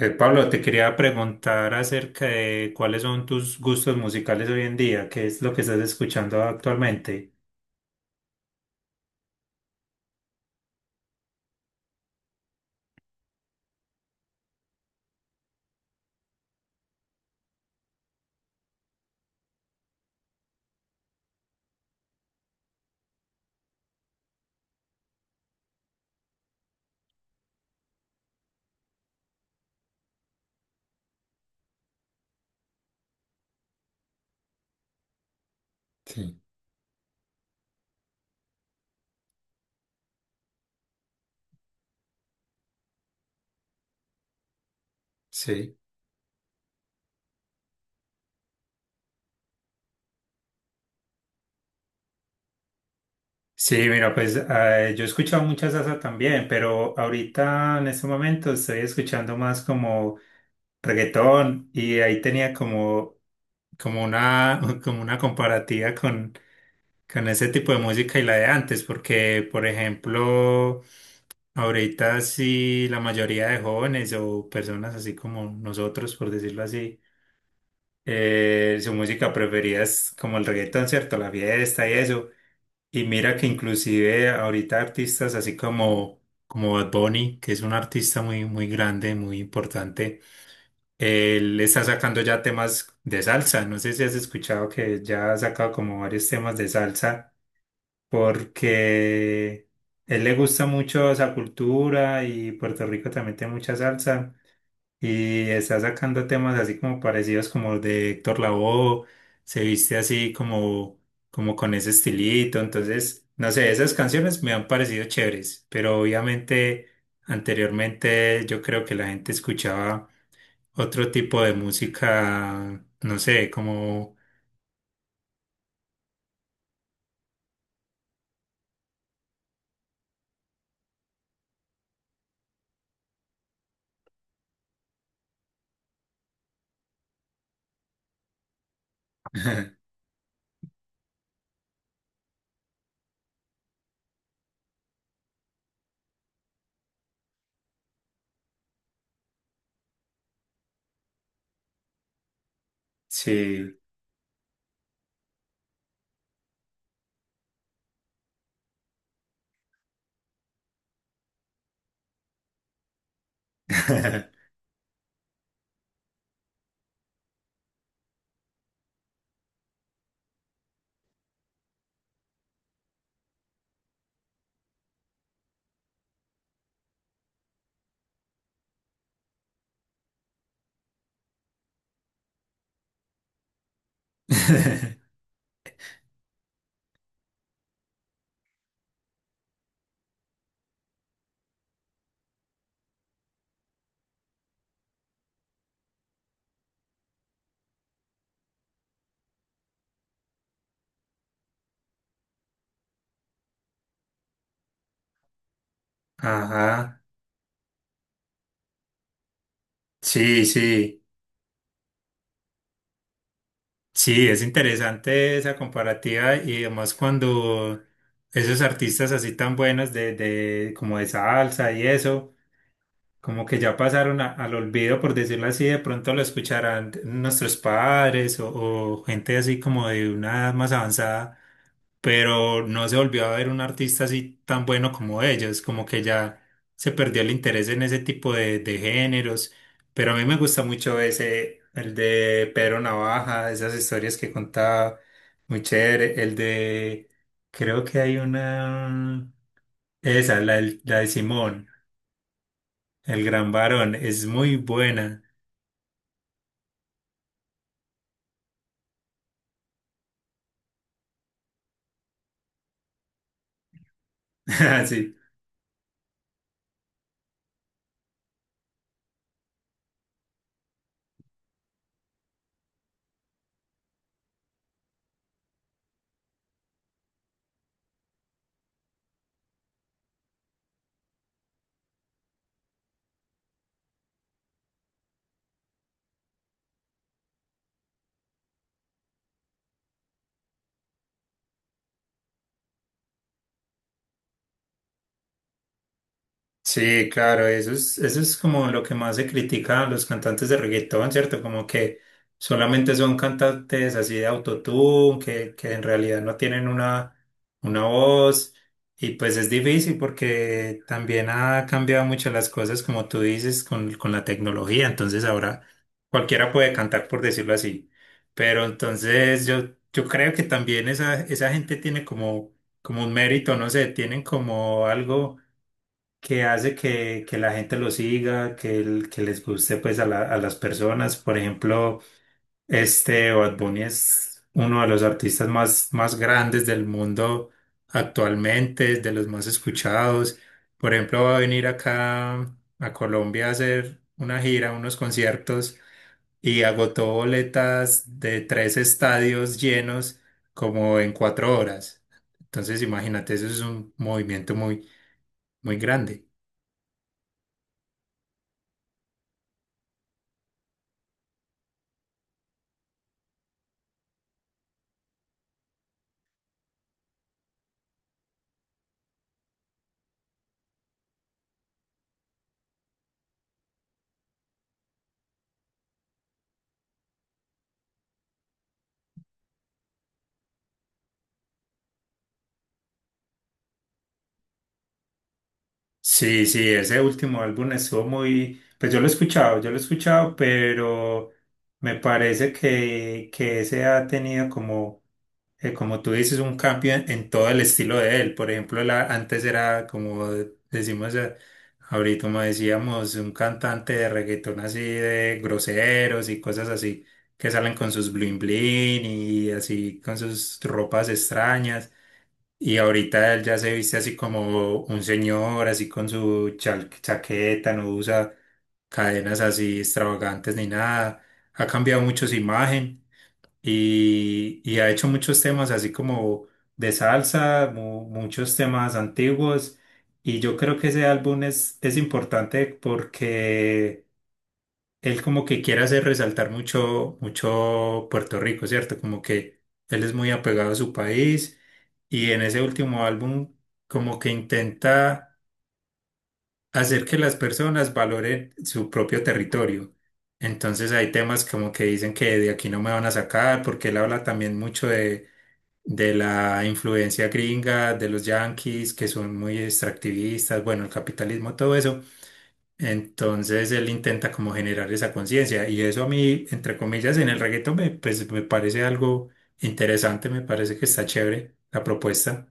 Pablo, te quería preguntar acerca de cuáles son tus gustos musicales hoy en día, qué es lo que estás escuchando actualmente. Sí, sí. Sí, mira, pues yo he escuchado mucha salsa también, pero ahorita en este momento estoy escuchando más como reggaetón y ahí tenía como, como una, como una comparativa con ese tipo de música y la de antes, porque, por ejemplo, ahorita sí, la mayoría de jóvenes o personas así como nosotros, por decirlo así, su música preferida es como el reggaetón, ¿cierto? La fiesta y eso. Y mira que inclusive ahorita artistas así como, como Bad Bunny, que es un artista muy, muy grande, muy importante, él está sacando ya temas de salsa. No sé si has escuchado que ya ha sacado como varios temas de salsa porque él le gusta mucho esa cultura y Puerto Rico también tiene mucha salsa y está sacando temas así como parecidos como de Héctor Lavoe, se viste así como, como con ese estilito, entonces, no sé, esas canciones me han parecido chéveres, pero obviamente anteriormente yo creo que la gente escuchaba otro tipo de música, no sé, como... Sí. Ajá. Sí, sí, sí, es interesante esa comparativa y además cuando esos artistas así tan buenos de como de salsa y eso como que ya pasaron a- al olvido, por decirlo así, de pronto lo escucharán nuestros padres o gente así como de una edad más avanzada, pero no se volvió a ver un artista así tan bueno como ellos, como que ya se perdió el interés en ese tipo de géneros, pero a mí me gusta mucho ese, el de Pedro Navaja, esas historias que contaba, muy chévere, el de, creo que hay una, esa, la, del- la de Simón. El gran varón es muy buena. Sí. Sí, claro, eso es como lo que más se critica a los cantantes de reggaetón, ¿cierto? Como que solamente son cantantes así de autotune, que en realidad no tienen una voz. Y pues es difícil porque también ha cambiado mucho las cosas, como tú dices, con la tecnología. Entonces ahora cualquiera puede cantar, por decirlo así. Pero entonces yo creo que también esa gente tiene como, como un mérito, no sé, tienen como algo que hace que la gente lo siga, que, el- que les guste pues a, la- a las personas. Por ejemplo, este Bad Bunny es uno de los artistas más, más grandes del mundo actualmente, de los más escuchados. Por ejemplo, va a venir acá a Colombia a hacer una gira, unos conciertos y agotó boletas de 3 estadios llenos como en 4 horas. Entonces, imagínate, eso es un movimiento muy, muy grande. Sí, sí, ese último álbum estuvo muy, pues yo lo he escuchado, pero me parece que ese ha tenido como, como tú dices, un cambio en todo el estilo de él. Por ejemplo, la, antes era como decimos ahorita, como decíamos, un cantante de reggaetón así de groseros y cosas así, que salen con sus bling bling y así con sus ropas extrañas. Y ahorita él ya se viste así como un señor, así con su chal- chaqueta, no usa cadenas así extravagantes ni nada. Ha cambiado mucho su imagen y ha hecho muchos temas así como de salsa, mu- muchos temas antiguos. Y yo creo que ese álbum es importante porque él como que quiere hacer resaltar mucho, mucho Puerto Rico, ¿cierto? Como que él es muy apegado a su país y en ese último álbum como que intenta hacer que las personas valoren su propio territorio. Entonces hay temas como que dicen que de aquí no me van a sacar, porque él habla también mucho de la influencia gringa, de los yanquis, que son muy extractivistas, bueno, el capitalismo, todo eso. Entonces él intenta como generar esa conciencia y eso a mí, entre comillas, en el reggaetón me, pues, me parece algo interesante, me parece que está chévere la propuesta.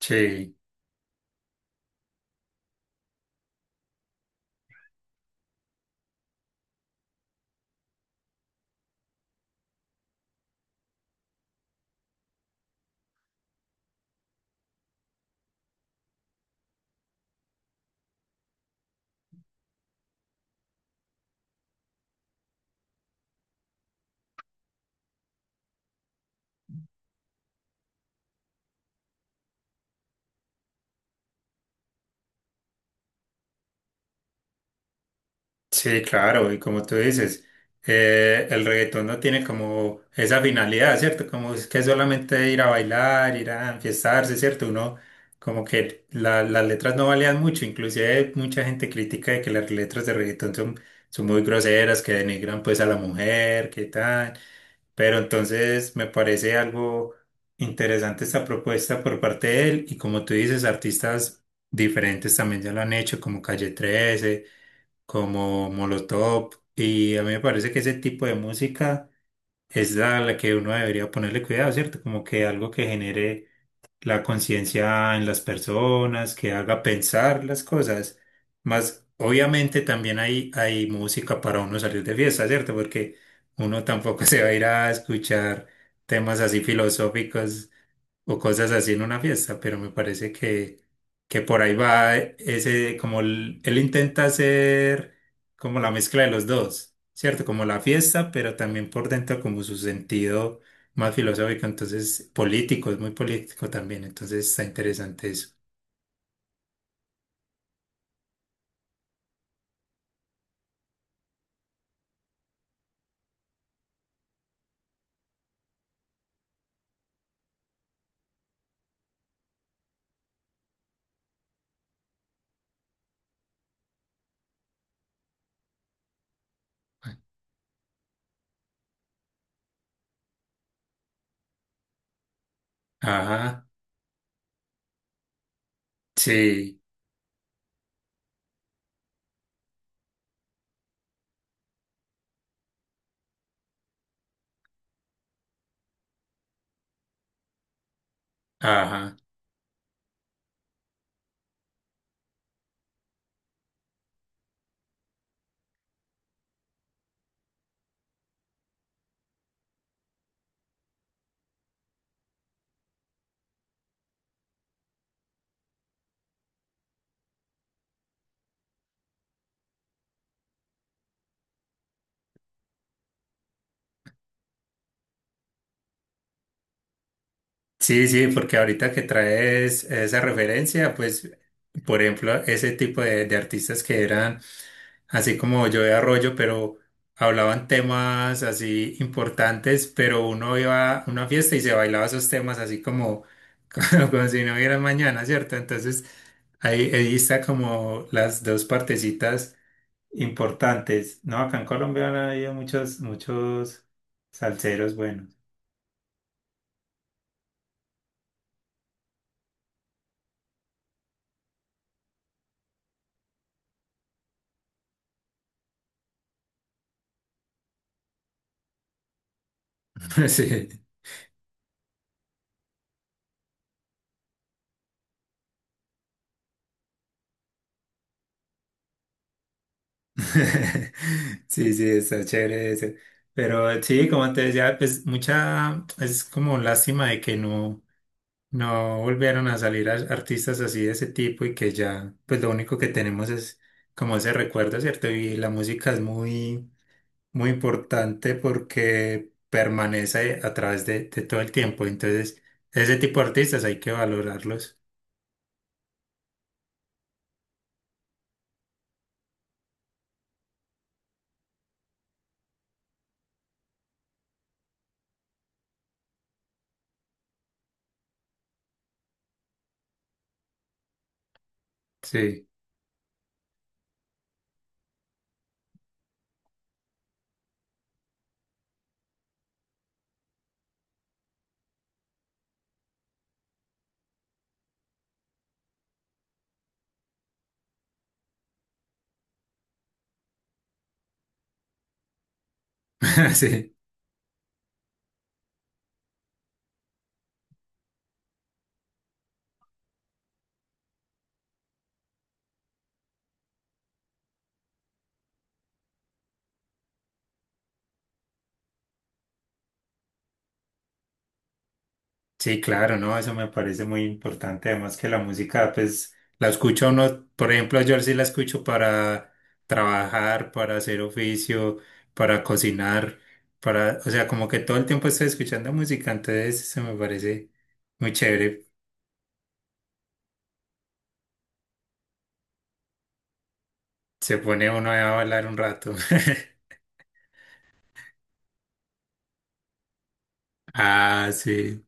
Sí, sí, claro, y como tú dices, el reggaetón no tiene como esa finalidad, ¿cierto? Como es que solamente ir a bailar, ir a enfiestarse, ¿cierto? Uno como que la- las letras no valían mucho, inclusive mucha gente critica de que las letras de reggaetón son, son muy groseras, que denigran pues a la mujer, que tal. Pero entonces me parece algo interesante esta propuesta por parte de él y como tú dices, artistas diferentes también ya lo han hecho, como Calle 13, como Molotov y a mí me parece que ese tipo de música es la, la que uno debería ponerle cuidado, ¿cierto? Como que algo que genere la conciencia en las personas, que haga pensar las cosas. Más, obviamente también hay música para uno salir de fiesta, ¿cierto? Porque uno tampoco se va a ir a escuchar temas así filosóficos o cosas así en una fiesta, pero me parece que por ahí va ese, como el- él intenta hacer como la mezcla de los dos, ¿cierto? Como la fiesta, pero también por dentro como su sentido más filosófico, entonces político, es muy político también, entonces está interesante eso. Ajá, sí, ajá. Sí, sí, porque ahorita que traes esa referencia, pues, por ejemplo, ese tipo de artistas que eran así como yo de Arroyo, pero hablaban temas así importantes, pero uno iba a una fiesta y se bailaba esos temas así como, como, como si no hubiera mañana, ¿cierto? Entonces, ahí, ahí está como las dos partecitas importantes. No, acá en Colombia han habido muchos, muchos salseros buenos. Sí. Sí, sí, está chévere ese. Pero sí, como te decía, pues mucha, es como lástima de que no, no volvieron a salir a- artistas así de ese tipo y que ya, pues lo único que tenemos es como ese recuerdo, ¿cierto? Y la música es muy, muy importante porque permanece a través de todo el tiempo. Entonces, ese tipo de artistas hay que valorarlos. Sí, sí. Sí, claro, no, eso me parece muy importante. Además que la música, pues, la escucha uno, por ejemplo, yo sí la escucho para trabajar, para hacer oficio, para cocinar, para, o sea, como que todo el tiempo estoy escuchando música, entonces eso me parece muy chévere. Se pone uno a bailar un rato. Ah, sí.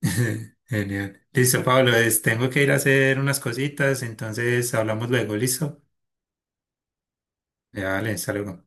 Genial. Listo, Pablo, es- tengo que ir a hacer unas cositas, entonces hablamos luego, ¿listo? Ya, vale, hasta luego.